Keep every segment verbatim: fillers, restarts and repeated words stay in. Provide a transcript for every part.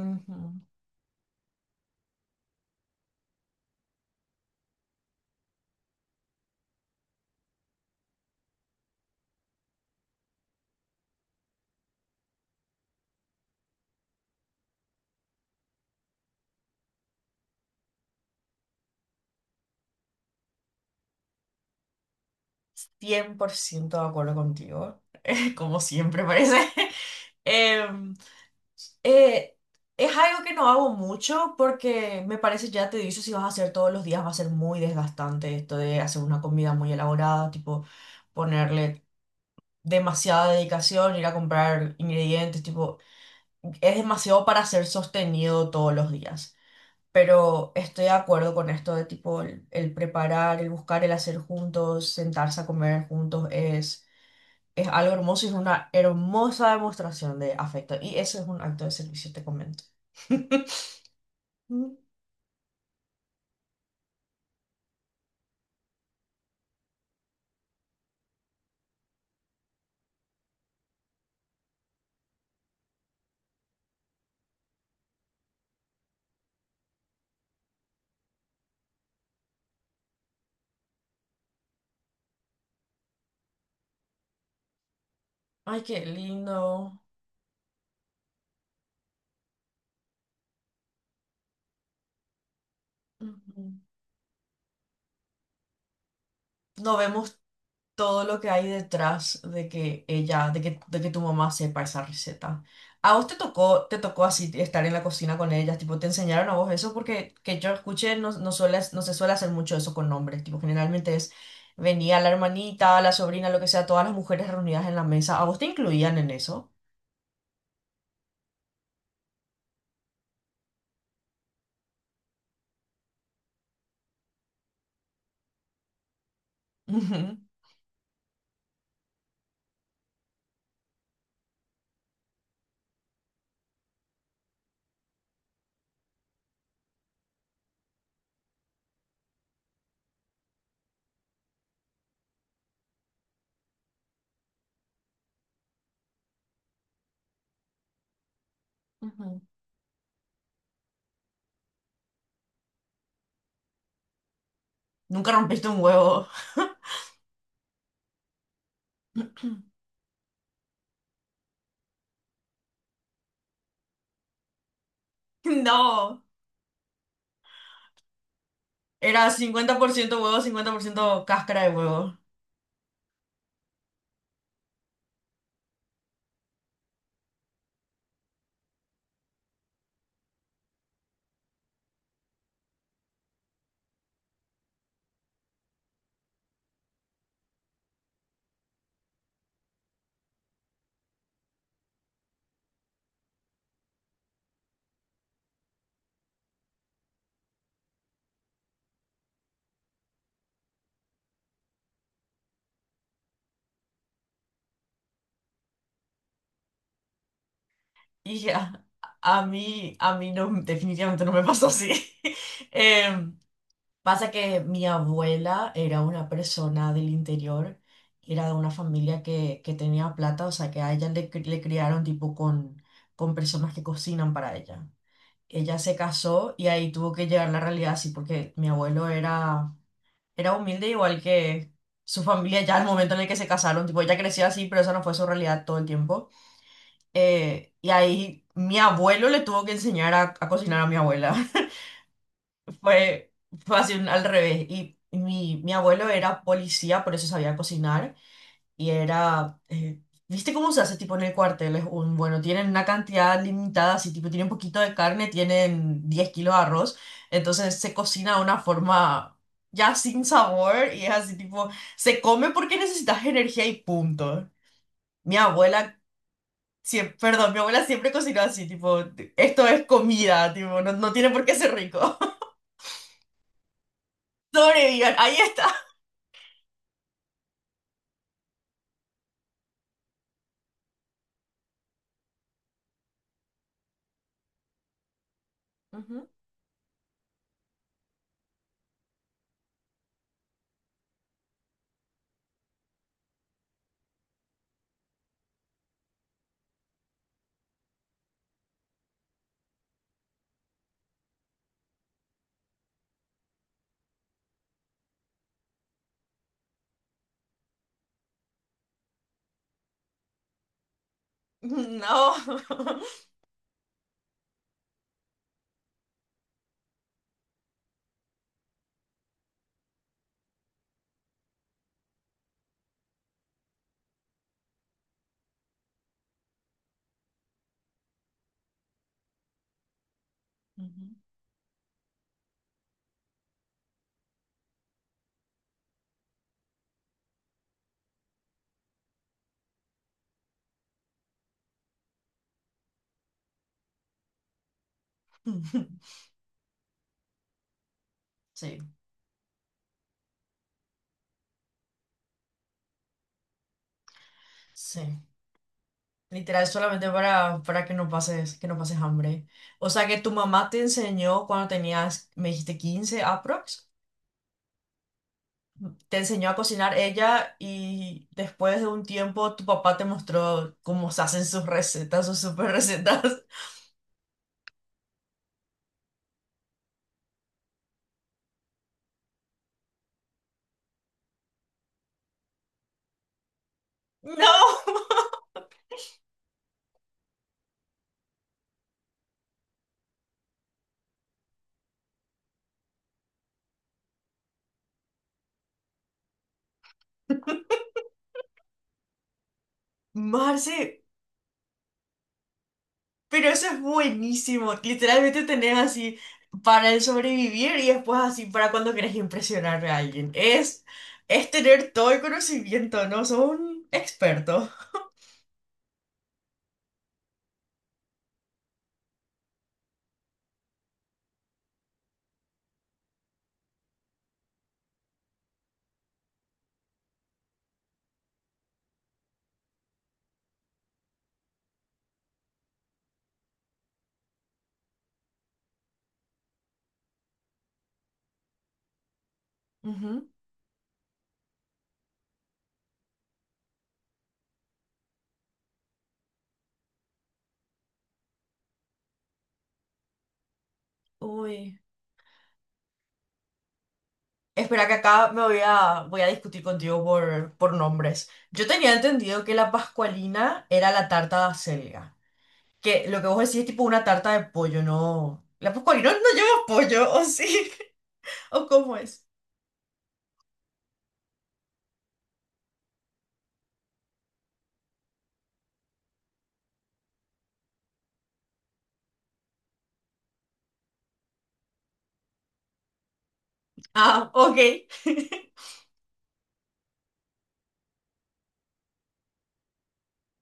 Ujú, cien por ciento de acuerdo contigo, como siempre parece. Em, eh, es algo que no hago mucho porque me parece, ya te dicho, si vas a hacer todos los días va a ser muy desgastante esto de hacer una comida muy elaborada, tipo ponerle demasiada dedicación, ir a comprar ingredientes, tipo, es demasiado para ser sostenido todos los días. Pero estoy de acuerdo con esto de tipo el, el preparar, el buscar, el hacer juntos, sentarse a comer juntos, es, es algo hermoso y es una hermosa demostración de afecto. Y eso es un acto de servicio, te comento. Ay, qué lindo. Ujú. Nos vemos todo lo que hay detrás de que ella, de que, de que tu mamá sepa esa receta. ¿A vos te tocó, te tocó así estar en la cocina con ellas? Tipo, ¿te enseñaron a vos eso? Porque que yo escuché, no, no, suele- no se suele hacer mucho eso con hombres. Tipo, generalmente es, venía la hermanita, la sobrina, lo que sea, todas las mujeres reunidas en la mesa. ¿A vos te incluían en eso? Ujú, ujú. Nunca rompiste un huevo. No, era cincuenta por ciento huevo, cincuenta por ciento cáscara de huevo. Y a, a mí, a mí no, definitivamente no me pasó así. Em, pasa que mi abuela era una persona del interior, era de una familia que, que tenía plata, o sea que a ella le, cri- le criaron tipo con, con personas que cocinan para ella. Ella se casó y ahí tuvo que llegar la realidad así, porque mi abuelo era, era humilde igual que su familia ya al momento en el que se casaron, tipo ella creció así, pero esa no fue su realidad todo el tiempo. Eh, y ahí mi abuelo le tuvo que enseñar a, a cocinar a mi abuela. Fue, fue así un- al revés. Y mi, mi abuelo era policía, por eso sabía cocinar. Y era, eh, ¿Viste cómo se hace tipo en el cuartel? Es un, bueno, tienen una cantidad limitada, así tipo tienen poquito de carne, tienen diez kilos de arroz. Entonces se cocina de una forma ya sin sabor y es así tipo, se come porque necesitas energía y punto. Mi abuela Siem- perdón, mi abuela siempre cocinó así, tipo, esto es comida, tipo, no, no tiene por qué ser rico. Sobrevivan, ahí está. No. Ujú. Sí, sí. Literal, solamente para, para que no pases, que no pases hambre. O sea que tu mamá te enseñó cuando tenías, me dijiste quince aprox, te enseñó a cocinar ella y después de un tiempo tu papá te mostró cómo se hacen sus recetas, sus super recetas. No, Marce, pero eso es buenísimo. Literalmente tenés así para el sobrevivir y después así para cuando querés impresionar a alguien. Es, es tener todo el conocimiento, ¿no? Sos un experto. Ujú. Uy. Espera que acá me voy a, voy a discutir contigo por, por nombres. Yo tenía entendido que la pascualina era la tarta de acelga. Que lo que vos decís es tipo una tarta de pollo, ¿no? La pascualina no lleva pollo, ¿o sí? ¿O cómo es? Ah, ok.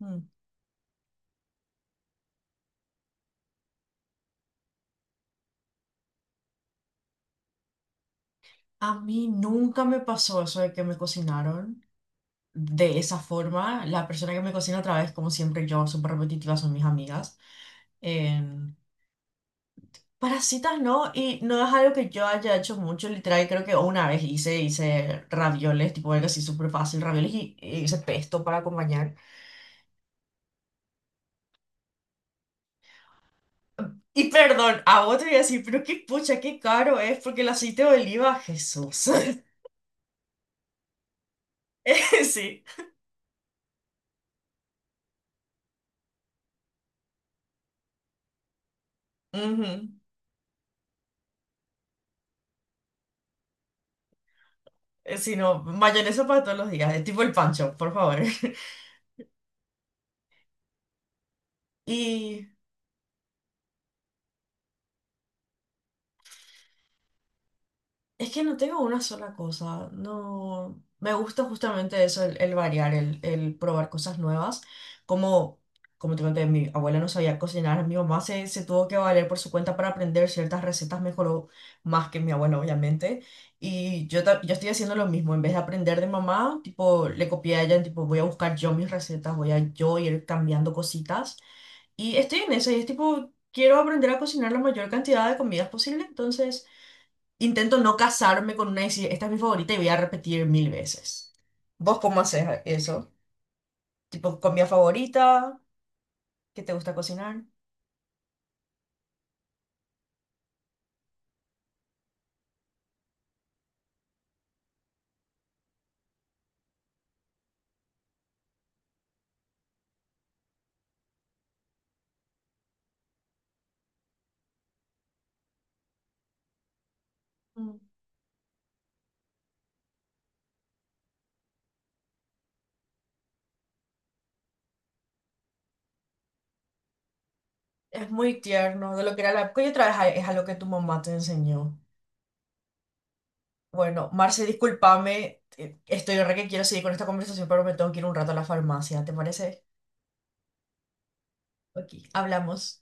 A mí nunca me pasó eso de que me cocinaron de esa forma. La persona que me cocina otra vez, como siempre yo, súper repetitiva, son mis amigas. Em, Parasitas no, y no es algo que yo haya hecho mucho, literal, creo que una vez hice, hice ravioles, tipo algo así súper fácil, ravioles y, y hice pesto para acompañar. Y perdón, a vos te voy a decir, pero qué pucha, qué caro es, porque el aceite de oliva, Jesús. Sí, ujú. Eh, Sí, no, mayonesa para todos los días, es tipo el pancho, por favor. Y es que no tengo una sola cosa, no, me gusta justamente eso, el, el variar, el, el probar cosas nuevas, como, como te conté, mi abuela no sabía cocinar, mi mamá se, se tuvo que valer por su cuenta para aprender ciertas recetas, mejoró más que mi abuela, obviamente, y yo, ta- yo estoy haciendo lo mismo, en vez de aprender de mamá, tipo, le copié a ella, tipo, voy a buscar yo mis recetas, voy a yo ir cambiando cositas, y estoy en eso, y es tipo, quiero aprender a cocinar la mayor cantidad de comidas posible, entonces. Intento no casarme con una y decir, esta es mi favorita y voy a repetir mil veces. ¿Vos cómo haces eso? Tipo, comida favorita, ¿qué te gusta cocinar? Mm. Es muy tierno, de lo que era la época. Y otra vez a- es algo que tu mamá te enseñó. Bueno, Marce, discúlpame, eh, estoy re que quiero seguir con esta conversación, pero me tengo que ir un rato a la farmacia, ¿te parece? Ok, hablamos.